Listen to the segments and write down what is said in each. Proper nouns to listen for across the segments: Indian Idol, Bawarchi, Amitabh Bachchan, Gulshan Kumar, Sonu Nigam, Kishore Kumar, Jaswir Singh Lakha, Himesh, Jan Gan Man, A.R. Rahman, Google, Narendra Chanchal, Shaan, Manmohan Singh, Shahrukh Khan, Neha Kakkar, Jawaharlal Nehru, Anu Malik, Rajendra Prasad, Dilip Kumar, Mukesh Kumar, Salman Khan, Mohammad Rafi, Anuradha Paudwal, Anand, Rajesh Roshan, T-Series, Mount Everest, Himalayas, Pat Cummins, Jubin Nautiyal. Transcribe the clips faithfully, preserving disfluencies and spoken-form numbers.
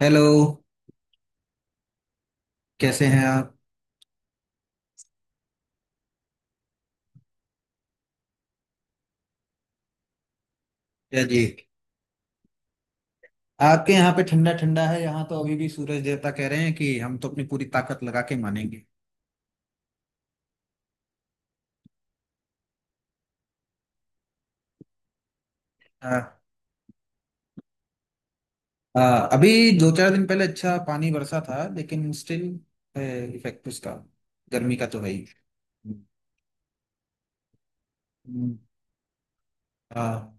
Hello. कैसे हैं आप? या जी, आपके यहाँ पे ठंडा ठंडा है। यहाँ तो अभी भी सूरज देवता कह रहे हैं कि हम तो अपनी पूरी ताकत लगा के मानेंगे। आ, आ, अभी दो चार दिन पहले अच्छा पानी बरसा था, लेकिन स्टिल इफेक्ट उसका गर्मी का तो है ही। हम्म, हाँ,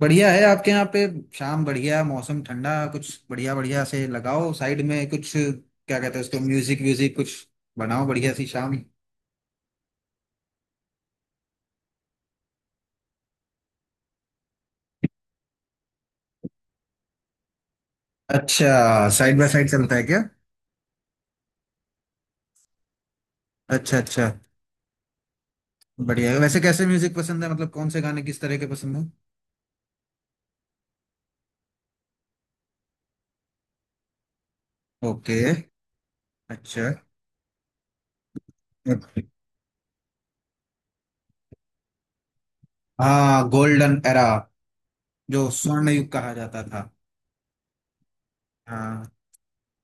बढ़िया है आपके यहाँ पे। शाम बढ़िया, मौसम ठंडा, कुछ बढ़िया बढ़िया से लगाओ साइड में, कुछ क्या कहते हैं उसको, म्यूजिक व्यूजिक कुछ बनाओ बढ़िया सी शाम। अच्छा, साइड बाय साइड चलता है क्या? अच्छा अच्छा। बढ़िया है। वैसे कैसे म्यूजिक पसंद है, मतलब कौन से गाने, किस तरह के पसंद है? ओके। अच्छा। हाँ, गोल्डन एरा, जो स्वर्ण युग कहा जाता था। हाँ,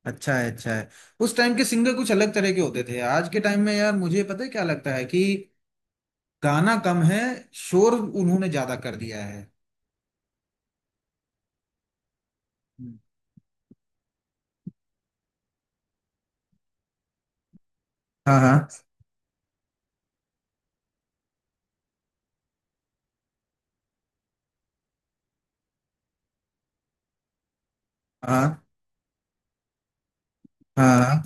अच्छा है अच्छा है। उस टाइम के सिंगर कुछ अलग तरह के होते थे। आज के टाइम में यार, मुझे पता है क्या लगता है कि गाना कम है, शोर उन्होंने ज्यादा कर दिया है। हाँ हाँ हाँ हाँ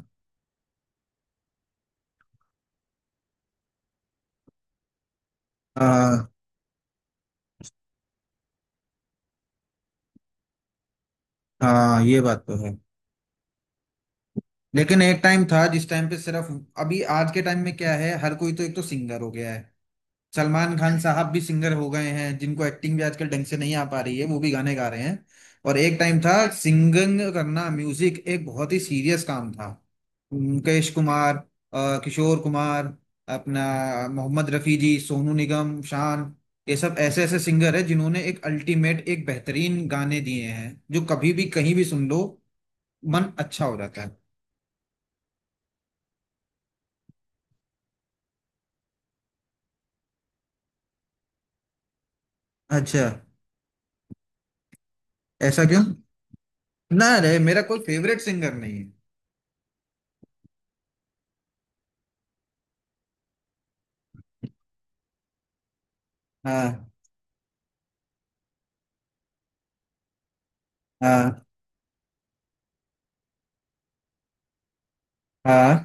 हाँ हाँ ये बात तो है। लेकिन एक टाइम था जिस टाइम पे सिर्फ, अभी आज के टाइम में क्या है, हर कोई तो एक तो सिंगर हो गया है। सलमान खान साहब भी सिंगर हो गए हैं, जिनको एक्टिंग भी आजकल ढंग से नहीं आ पा रही है, वो भी गाने गा रहे हैं। और एक टाइम था, सिंगिंग करना, म्यूजिक एक बहुत ही सीरियस काम था। मुकेश कुमार, अ, किशोर कुमार, अपना मोहम्मद रफी जी, सोनू निगम, शान, ये सब ऐसे ऐसे सिंगर है जिन्होंने एक अल्टीमेट, एक बेहतरीन गाने दिए हैं, जो कभी भी कहीं भी सुन लो मन अच्छा हो जाता है। अच्छा, ऐसा क्यों? ना रे, मेरा कोई फेवरेट सिंगर नहीं है। हाँ हाँ हाँ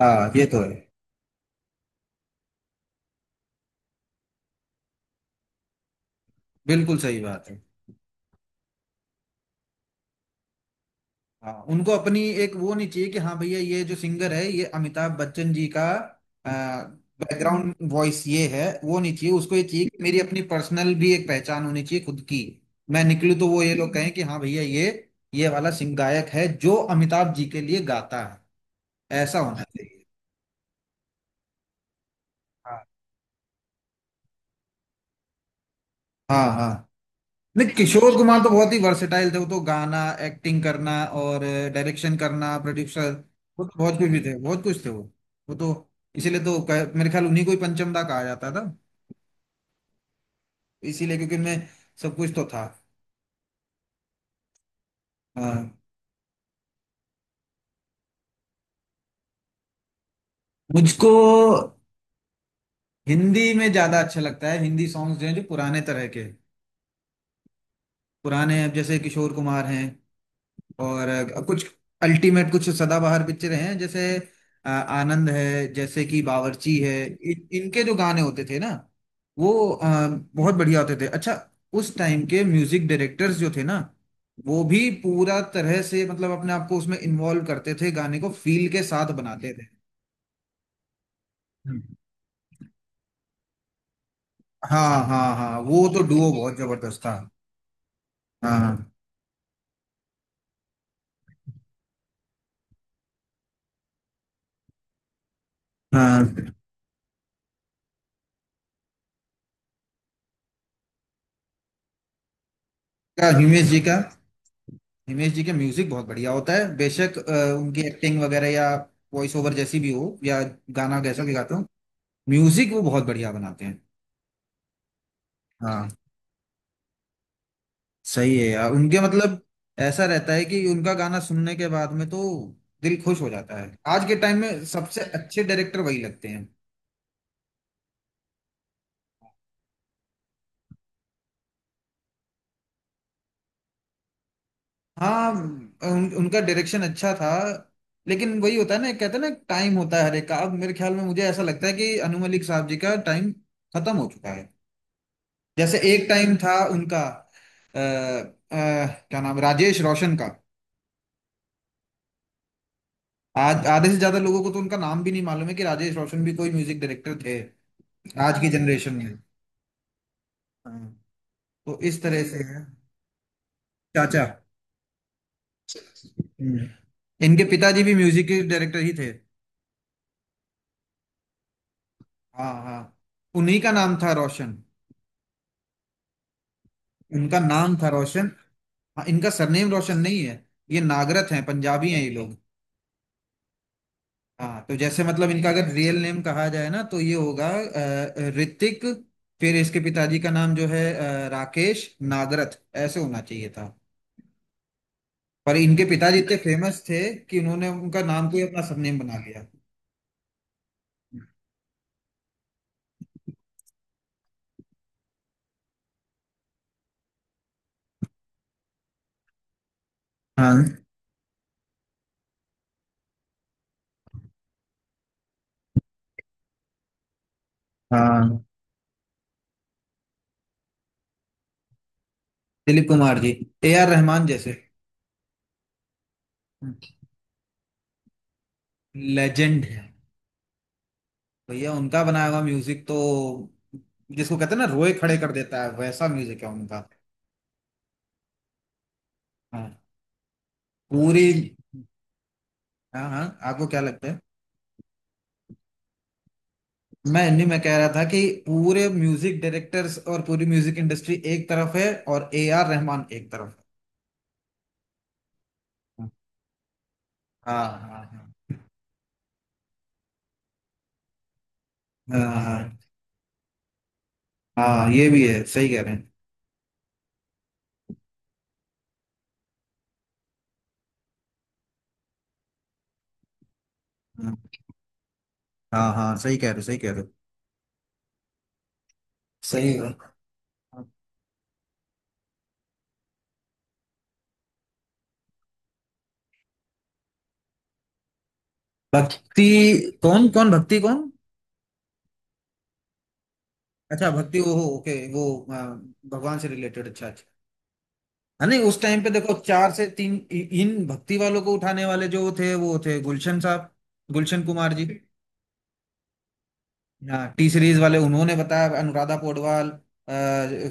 हाँ ये तो है। बिल्कुल सही बात है। हाँ, उनको अपनी एक वो नहीं चाहिए कि हाँ भैया ये जो सिंगर है ये अमिताभ बच्चन जी का बैकग्राउंड वॉइस ये है, वो नहीं चाहिए उसको। ये चाहिए कि मेरी अपनी पर्सनल भी एक पहचान होनी चाहिए, खुद की। मैं निकलूँ तो वो, ये लोग कहें कि हाँ भैया ये ये वाला सिंग गायक है जो अमिताभ जी के लिए गाता है। ऐसा होना चाहिए। हाँ हाँ हाँ, नहीं किशोर कुमार तो बहुत ही वर्सेटाइल थे। वो तो गाना, एक्टिंग करना, और डायरेक्शन करना, प्रोड्यूसर, वो तो बहुत कुछ भी थे, बहुत कुछ थे वो। वो तो इसीलिए तो कह, मेरे ख्याल उन्हीं को ही पंचमदा कहा जाता था, इसीलिए, क्योंकि उनमें सब कुछ तो था। हाँ। मुझको हिंदी में ज्यादा अच्छा लगता है, हिंदी सॉन्ग्स जो हैं जो पुराने तरह के, पुराने, अब जैसे किशोर कुमार हैं, और अ, कुछ अल्टीमेट कुछ सदाबहार पिक्चरें हैं जैसे अ, आनंद है, जैसे कि बावर्ची है, इन, इनके जो गाने होते थे ना, वो अ, बहुत बढ़िया होते थे। अच्छा, उस टाइम के म्यूजिक डायरेक्टर्स जो थे ना, वो भी पूरा तरह से मतलब अपने आप को उसमें इन्वॉल्व करते थे, गाने को फील के साथ बनाते थे। हम्म। हाँ हाँ हाँ, वो तो डुओ बहुत जबरदस्त था। हाँ हाँ। क्या हिमेश जी का, हिमेश जी के म्यूजिक बहुत बढ़िया होता है, बेशक। अ, उनकी एक्टिंग वगैरह या वॉइस ओवर जैसी भी हो, या गाना जैसा भी गाते हो, म्यूजिक वो बहुत बढ़िया बनाते हैं। हाँ, सही है यार, उनके मतलब ऐसा रहता है कि उनका गाना सुनने के बाद में तो दिल खुश हो जाता है। आज के टाइम में सबसे अच्छे डायरेक्टर वही लगते हैं। हाँ, उन, उनका डायरेक्शन अच्छा था। लेकिन वही होता है ना, कहते हैं ना टाइम होता है हर एक का। अब मेरे ख्याल में मुझे ऐसा लगता है कि अनु मलिक साहब जी का टाइम खत्म हो चुका है। जैसे एक टाइम था उनका, आ, क्या नाम, राजेश रोशन का। आज आधे से ज्यादा लोगों को तो उनका नाम भी नहीं मालूम है कि राजेश रोशन भी कोई म्यूजिक डायरेक्टर थे आज की जनरेशन में। हाँ। तो इस तरह से है। चाचा। हम्म। इनके पिताजी भी म्यूजिक के डायरेक्टर ही थे। हाँ हाँ, उन्हीं का नाम था रोशन। उनका नाम था रोशन। हाँ, इनका सरनेम रोशन नहीं है। ये नागरथ हैं, पंजाबी हैं ये लोग। हाँ, तो जैसे मतलब इनका अगर रियल नेम कहा जाए ना तो ये होगा अ, ऋतिक। फिर इसके पिताजी का नाम जो है अ, राकेश नागरथ, ऐसे होना चाहिए था। पर इनके पिताजी इतने फेमस थे कि उन्होंने उनका नाम को ही अपना सरनेम बना लिया। हाँ। हाँ, दिलीप कुमार जी, ए आर रहमान जैसे लेजेंड है। भैया उनका बनाया हुआ म्यूजिक तो, जिसको कहते हैं ना, रोए खड़े कर देता है, वैसा म्यूजिक है उनका। हाँ। पूरी, हाँ हाँ, आपको क्या लगता है? मैं इन्हीं में कह रहा था कि पूरे म्यूजिक डायरेक्टर्स और पूरी म्यूजिक इंडस्ट्री एक तरफ है, और ए आर रहमान एक तरफ है। हाँ हाँ हाँ हाँ हाँ। हाँ, ये भी है, सही कह रहे हैं। हाँ हाँ सही कह रहे हो, सही कह रहे हो। सही है। भक्ति? कौन कौन भक्ति कौन? अच्छा, भक्ति वो, हो ओके, वो आ, भगवान से रिलेटेड, अच्छा अच्छा। हाँ, नहीं उस टाइम पे देखो, चार से तीन इ- इन भक्ति वालों को उठाने वाले जो थे वो थे गुलशन साहब, गुलशन कुमार जी। हाँ, टी सीरीज वाले, उन्होंने बताया अनुराधा पौडवाल, अ,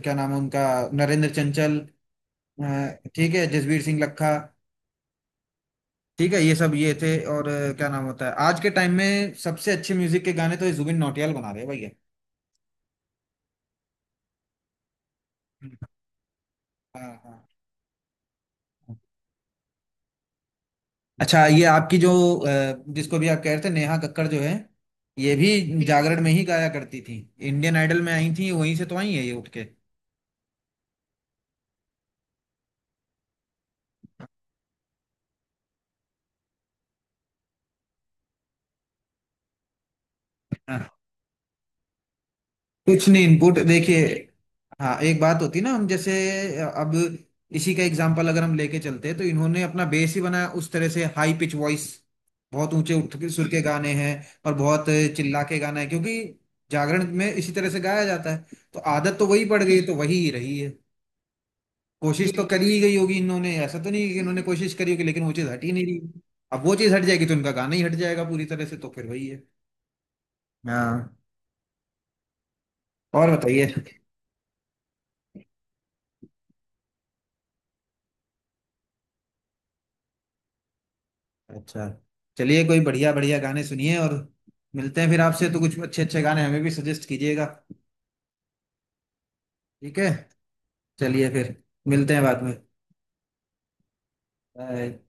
क्या नाम है उनका, नरेंद्र चंचल, अ, ठीक है, जसवीर सिंह लखा, ठीक है, ये सब ये थे। और अ, क्या नाम होता है, आज के टाइम में सबसे अच्छे म्यूजिक के गाने तो ये जुबिन नौटियाल बना रहे हैं भैया। हाँ हाँ। हाँ। अच्छा, ये आपकी जो अ, जिसको भी आप कह रहे थे, नेहा कक्कड़ जो है, ये भी जागरण में ही गाया करती थी। इंडियन आइडल में आई थी, वहीं से तो आई है ये उठ के। हाँ। कुछ नहीं इनपुट, देखिए, हाँ एक बात होती ना, हम जैसे, अब इसी का एग्जांपल अगर हम लेके चलते हैं तो इन्होंने अपना बेस ही बनाया उस तरह से, हाई पिच वॉइस, बहुत ऊंचे उठ के सुर के गाने हैं, और बहुत चिल्ला के गाना है, क्योंकि जागरण में इसी तरह से गाया जाता है। तो आदत तो वही पड़ गई, तो वही ही रही है। कोशिश तो करी ही गई होगी इन्होंने, ऐसा तो नहीं है कि इन्होंने कोशिश करी होगी, लेकिन वो चीज़ हट ही नहीं रही। अब वो चीज़ हट जाएगी तो इनका गाना ही हट जाएगा पूरी तरह से, तो फिर वही है। हाँ। और बताइए? अच्छा, चलिए, कोई बढ़िया बढ़िया गाने सुनिए, और मिलते हैं फिर आपसे। तो कुछ अच्छे अच्छे गाने हमें भी सजेस्ट कीजिएगा। ठीक है। चलिए फिर, मिलते हैं बाद में। बाय।